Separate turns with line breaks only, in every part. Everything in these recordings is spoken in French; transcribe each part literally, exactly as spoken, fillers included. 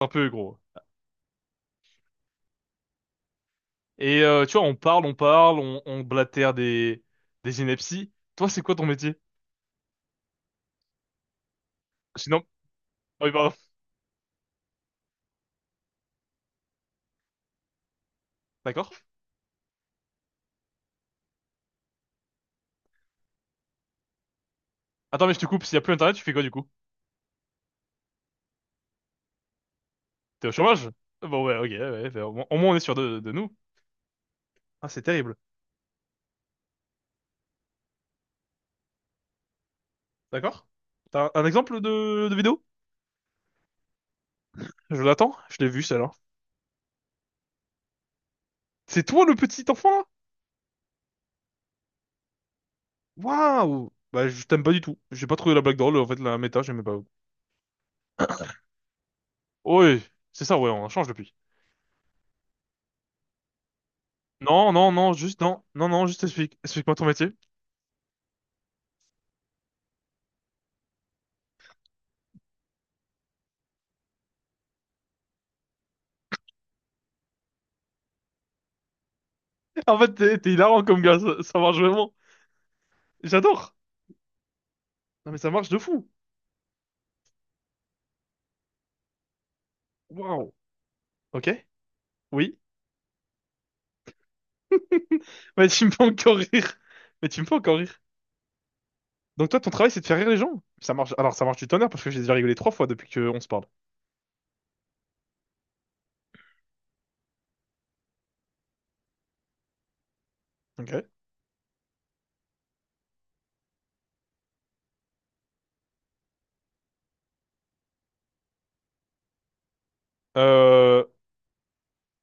Un peu gros. Et euh, tu vois, on parle, on parle, on, on blatère des, des inepties. Toi, c'est quoi ton métier? Sinon, oh, oui, pardon. D'accord. Attends, mais je te coupe, s'il y a plus internet, tu fais quoi du coup? T'es au chômage? Bon, ouais, ok, ouais, bah, au moins, au moins, on est sûr de, de nous. Ah, c'est terrible. D'accord. T'as un, un exemple de, de vidéo? Je l'attends, je l'ai vu celle-là. C'est toi le petit enfant là? Waouh! Bah, je t'aime pas du tout. J'ai pas trouvé la blague drôle, en fait, la méta, j'aimais pas. Oui, c'est ça, ouais, on change depuis. Non, non, non, juste, non, non, non, juste explique. Explique-moi ton métier. En fait, t'es t'es hilarant comme gars, ça, ça marche vraiment. J'adore. Non mais ça marche de fou. Waouh. Ok. Oui. Mais tu me fais encore rire. Mais tu me fais encore rire. Donc toi, ton travail, c'est de faire rire les gens? Ça marche. Alors ça marche du tonnerre parce que j'ai déjà rigolé trois fois depuis qu'on se parle. Ok. Euh...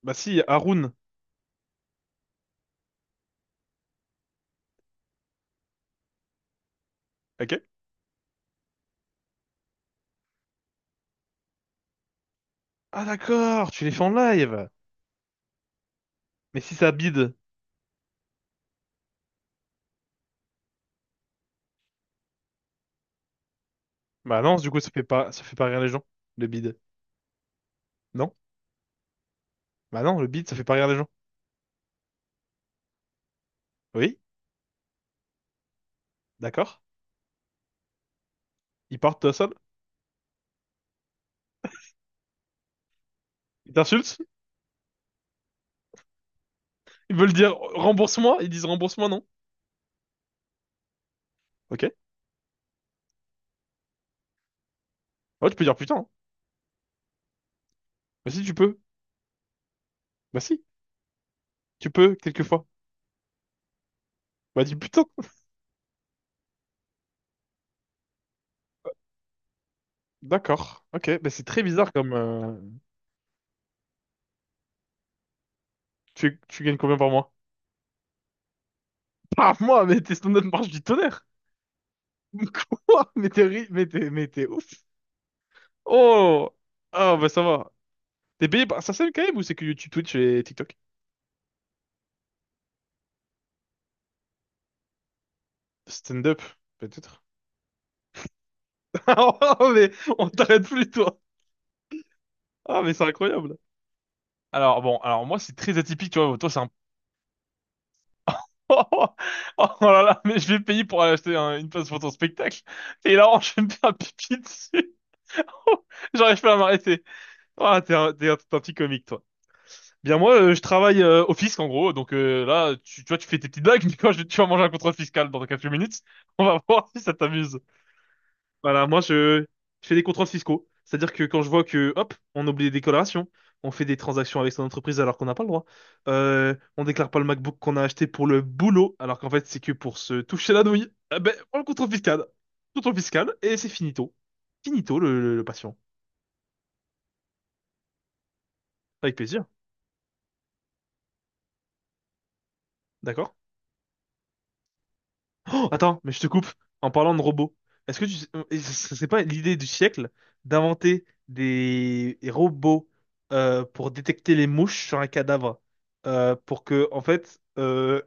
Bah si, Haroun. Ok. Ah d'accord, tu les fais en live. Mais si ça bide. Bah non, du coup, ça fait pas, ça fait pas rire les gens. Le bide. Non? Bah non, le bide, ça fait pas rire les gens. Oui? D'accord. Ils partent seuls. Ils t'insultent. Ils veulent dire rembourse-moi. Ils disent rembourse-moi, non? Ok. Ouais, tu peux dire putain. Hein. Bah si, tu peux. Bah si, tu peux, quelquefois. Bah dis putain. D'accord. Ok, bah c'est très bizarre comme... euh, Tu, tu gagnes combien par mois? Par mois, mais tes stand-up marche du tonnerre. Quoi? Mais t'es ri... mais t'es, mais t'es ouf. Oh! Ah bah ça va. T'es payé par SACEM quand même ou c'est que YouTube, Twitch et TikTok? Stand-up, peut-être. Ah mais on t'arrête plus toi. Ah mais c'est incroyable. Alors bon, alors moi c'est très atypique, tu vois. Toi c'est un Oh, oh, oh là là, mais je vais payer pour aller acheter un- une place pour ton spectacle. Et là, je vais me faire pipi dessus. J'arrive pas à m'arrêter. Ah, t'es un, t'es un, t'es un petit comique, toi. Bien, moi, euh, je travaille euh, au fisc, en gros. Donc euh, là, tu, tu vois, tu fais tes petites blagues, mais quand je, tu vas manger un contrôle fiscal dans quelques minutes, on va voir si ça t'amuse. Voilà, moi je, je fais des contrôles fiscaux. C'est-à-dire que quand je vois que, hop, on oublie des déclarations, on fait des transactions avec son entreprise alors qu'on n'a pas le droit, euh, on déclare pas le MacBook qu'on a acheté pour le boulot alors qu'en fait c'est que pour se toucher la nouille, eh ben, on le contrôle fiscal. Contrôle fiscal et c'est finito. Finito le, le- le patient. Avec plaisir, d'accord? Oh, attends, mais je te coupe. En parlant de robots, est-ce que tu sais- euh, ce serait pas l'idée du siècle d'inventer des des robots euh, pour détecter les mouches sur un cadavre euh, pour que en fait euh,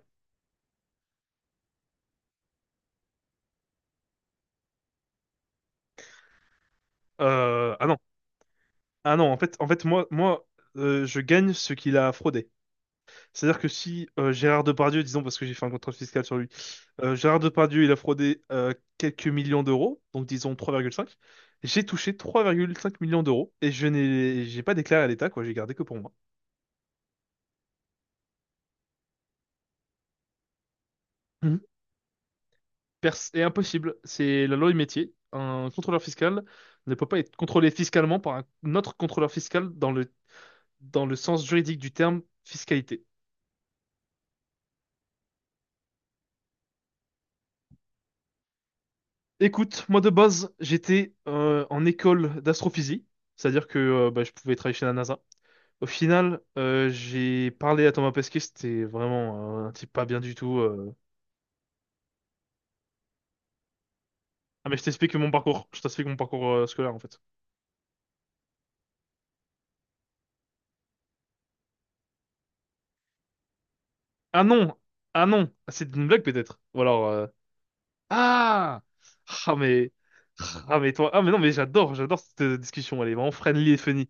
euh, ah non, ah non en fait en fait moi moi euh, je gagne ce qu'il a fraudé. C'est-à-dire que si euh, Gérard Depardieu, disons, parce que j'ai fait un contrôle fiscal sur lui, euh, Gérard Depardieu, il a fraudé euh, quelques millions d'euros, donc disons trois virgule cinq, j'ai touché trois virgule cinq millions d'euros et je n'ai j'ai pas déclaré à l'État, quoi, j'ai gardé que pour moi. Mhm. Pers- est impossible, c'est la loi du métier. Un contrôleur fiscal ne peut pas être contrôlé fiscalement par un autre contrôleur fiscal dans le, dans le sens juridique du terme fiscalité. Écoute, moi de base, j'étais euh, en école d'astrophysique, c'est-à-dire que euh, bah, je pouvais travailler chez la NASA. Au final, euh, j'ai parlé à Thomas Pesquet, c'était vraiment euh, un type pas bien du tout. Euh. Ah mais je t'explique mon parcours, je t'explique mon parcours euh, scolaire en fait. Ah non, ah non, Ah, c'est une blague peut-être. Ou alors, euh, ah, ah mais, ah mais toi, ah mais non mais j'adore, j'adore cette euh, discussion, elle est vraiment friendly et funny.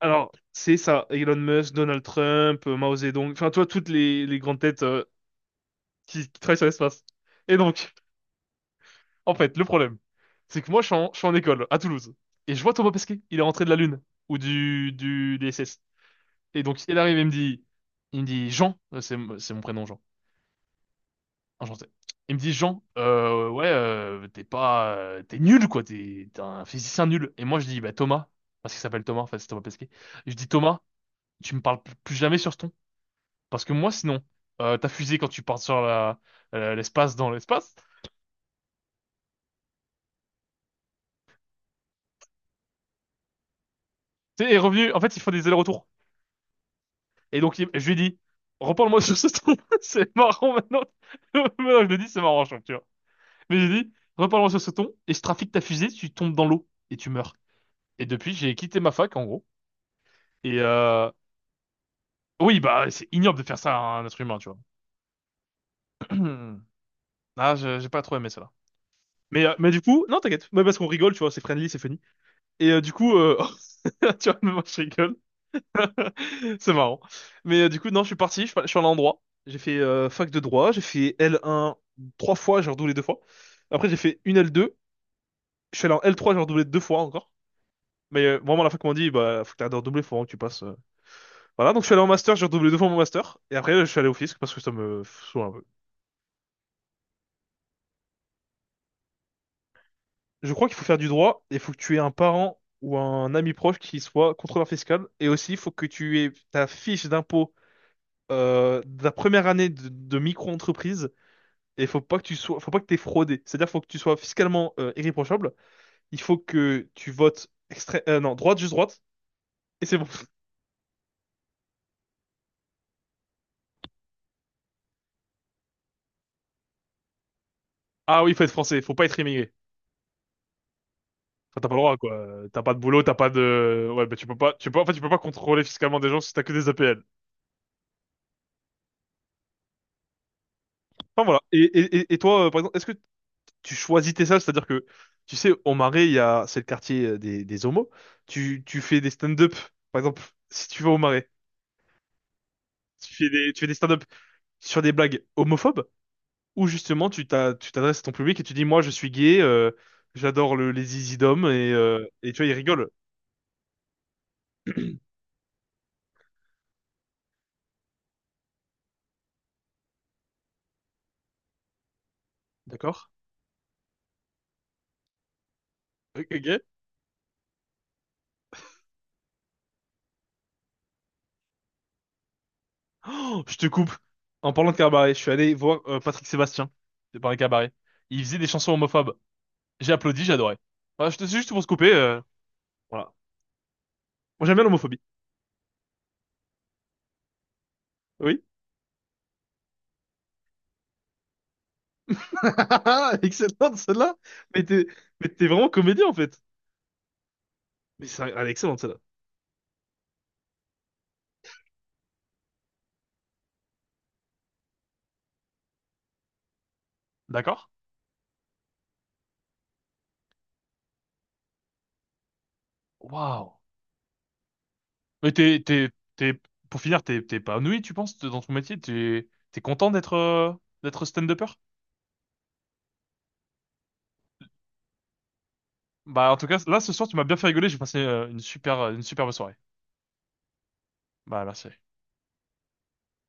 Alors c'est ça, Elon Musk, Donald Trump, euh, Mao Zedong, enfin toi toutes les, les grandes têtes euh, qui, qui travaillent sur l'espace. Et donc. En fait, le problème, c'est que moi, je suis en, je suis en école à Toulouse et je vois Thomas Pesquet. Il est rentré de la Lune ou du du des S S. Et donc, il arrive et il me dit, il me dit Jean, euh, c'est c'est mon prénom Jean, enchanté. Il me dit Jean, euh, ouais, euh, t'es pas, euh, t'es nul quoi, t'es t'es un physicien nul. Et moi, je dis bah Thomas, parce qu'il s'appelle Thomas, enfin c'est Thomas Pesquet. Je dis Thomas, tu me parles plus plus jamais sur ce ton, parce que moi, sinon, euh, ta fusée quand tu pars sur la euh, l'espace dans l'espace, tu sais, est revenu. En fait, il faut des allers-retours. Et donc, il- je lui ai dit, reparle-moi sur ce ton, c'est marrant maintenant. Maintenant, je le dis, c'est marrant, je trouve, tu vois. Mais j'ai dit, reparle-moi sur ce ton, et je trafique ta fusée, tu tombes dans l'eau, et tu meurs. Et depuis, j'ai quitté ma fac, en gros. Et euh, oui, bah, c'est ignoble de faire ça à un être humain, tu vois. Ah, je- j'ai pas trop aimé ça, là. Mais, euh, mais du coup, non, t'inquiète, mais parce qu'on rigole, tu vois, c'est friendly, c'est funny. Et euh, du coup, euh, tu vois, moi, je rigole. C'est marrant. Mais euh, du coup, non, je suis parti, je suis je suis allé en droit. J'ai fait euh, fac de droit, j'ai fait L un trois fois, j'ai redoublé deux fois. Après, j'ai fait une L deux, je suis allé en L trois, j'ai redoublé deux fois encore. Mais euh, vraiment, à la fac m'a dit, bah, faut que t'arrêtes de redoubler, faut vraiment que tu passes. Euh. Voilà, donc je suis allé en master, j'ai redoublé deux fois mon master. Et après, je suis allé au fisc parce que ça me saoule un peu. Je crois qu'il faut faire du droit et il faut que tu aies un parent ou un ami proche qui soit contrôleur fiscal. Et aussi, il faut que tu aies ta fiche d'impôt euh, de la première année de, de micro-entreprise. Et faut pas que tu sois, faut pas que t'aies fraudé. C'est-à-dire, faut que tu sois fiscalement euh, irréprochable. Il faut que tu votes extré- euh, non, droite, juste droite. Et c'est bon. Ah oui, faut être français. Faut pas être immigré. Enfin, t'as pas le droit, quoi. Euh, T'as pas de boulot, t'as pas de, ouais, bah, tu peux pas, tu peux, en fait, tu peux pas contrôler fiscalement des gens si t'as que des A P L. Enfin, voilà. Et, et, et- et toi, euh, par exemple, est-ce que tu choisis tes salles? C'est-à-dire que, tu sais, au Marais, il y a, c'est le quartier euh, des, des homos. Tu, tu fais des stand-up. Par exemple, si tu vas au Marais, tu fais des, tu fais des stand-up sur des blagues homophobes. Où justement tu t'as- tu t'adresses à ton public et tu dis, moi je suis gay, euh, j'adore le- les easy dom et, euh, et tu vois, ils rigolent. D'accord? Ok. Ok. Oh, je te coupe. En parlant de cabaret, je suis allé voir euh, Patrick Sébastien. C'est par un cabaret. Il faisait des chansons homophobes. J'ai applaudi, j'adorais. Voilà, je te suis juste pour se couper. Euh, voilà. Moi j'aime bien l'homophobie. Oui. Excellente celle-là. Mais t'es mais t'es vraiment comédien en fait. Mais c'est, elle est excellente celle-là. D'accord? Waouh. Mais t'es, t'es, t'es, pour finir, t'es, t'es pas ennuyé, tu penses, dans ton métier? T'es, t'es content d'être, euh, d'être stand-upper? Bah, en tout cas, là, ce soir, tu m'as bien fait rigoler, j'ai passé, euh, une super, euh, une superbe soirée. Bah, merci.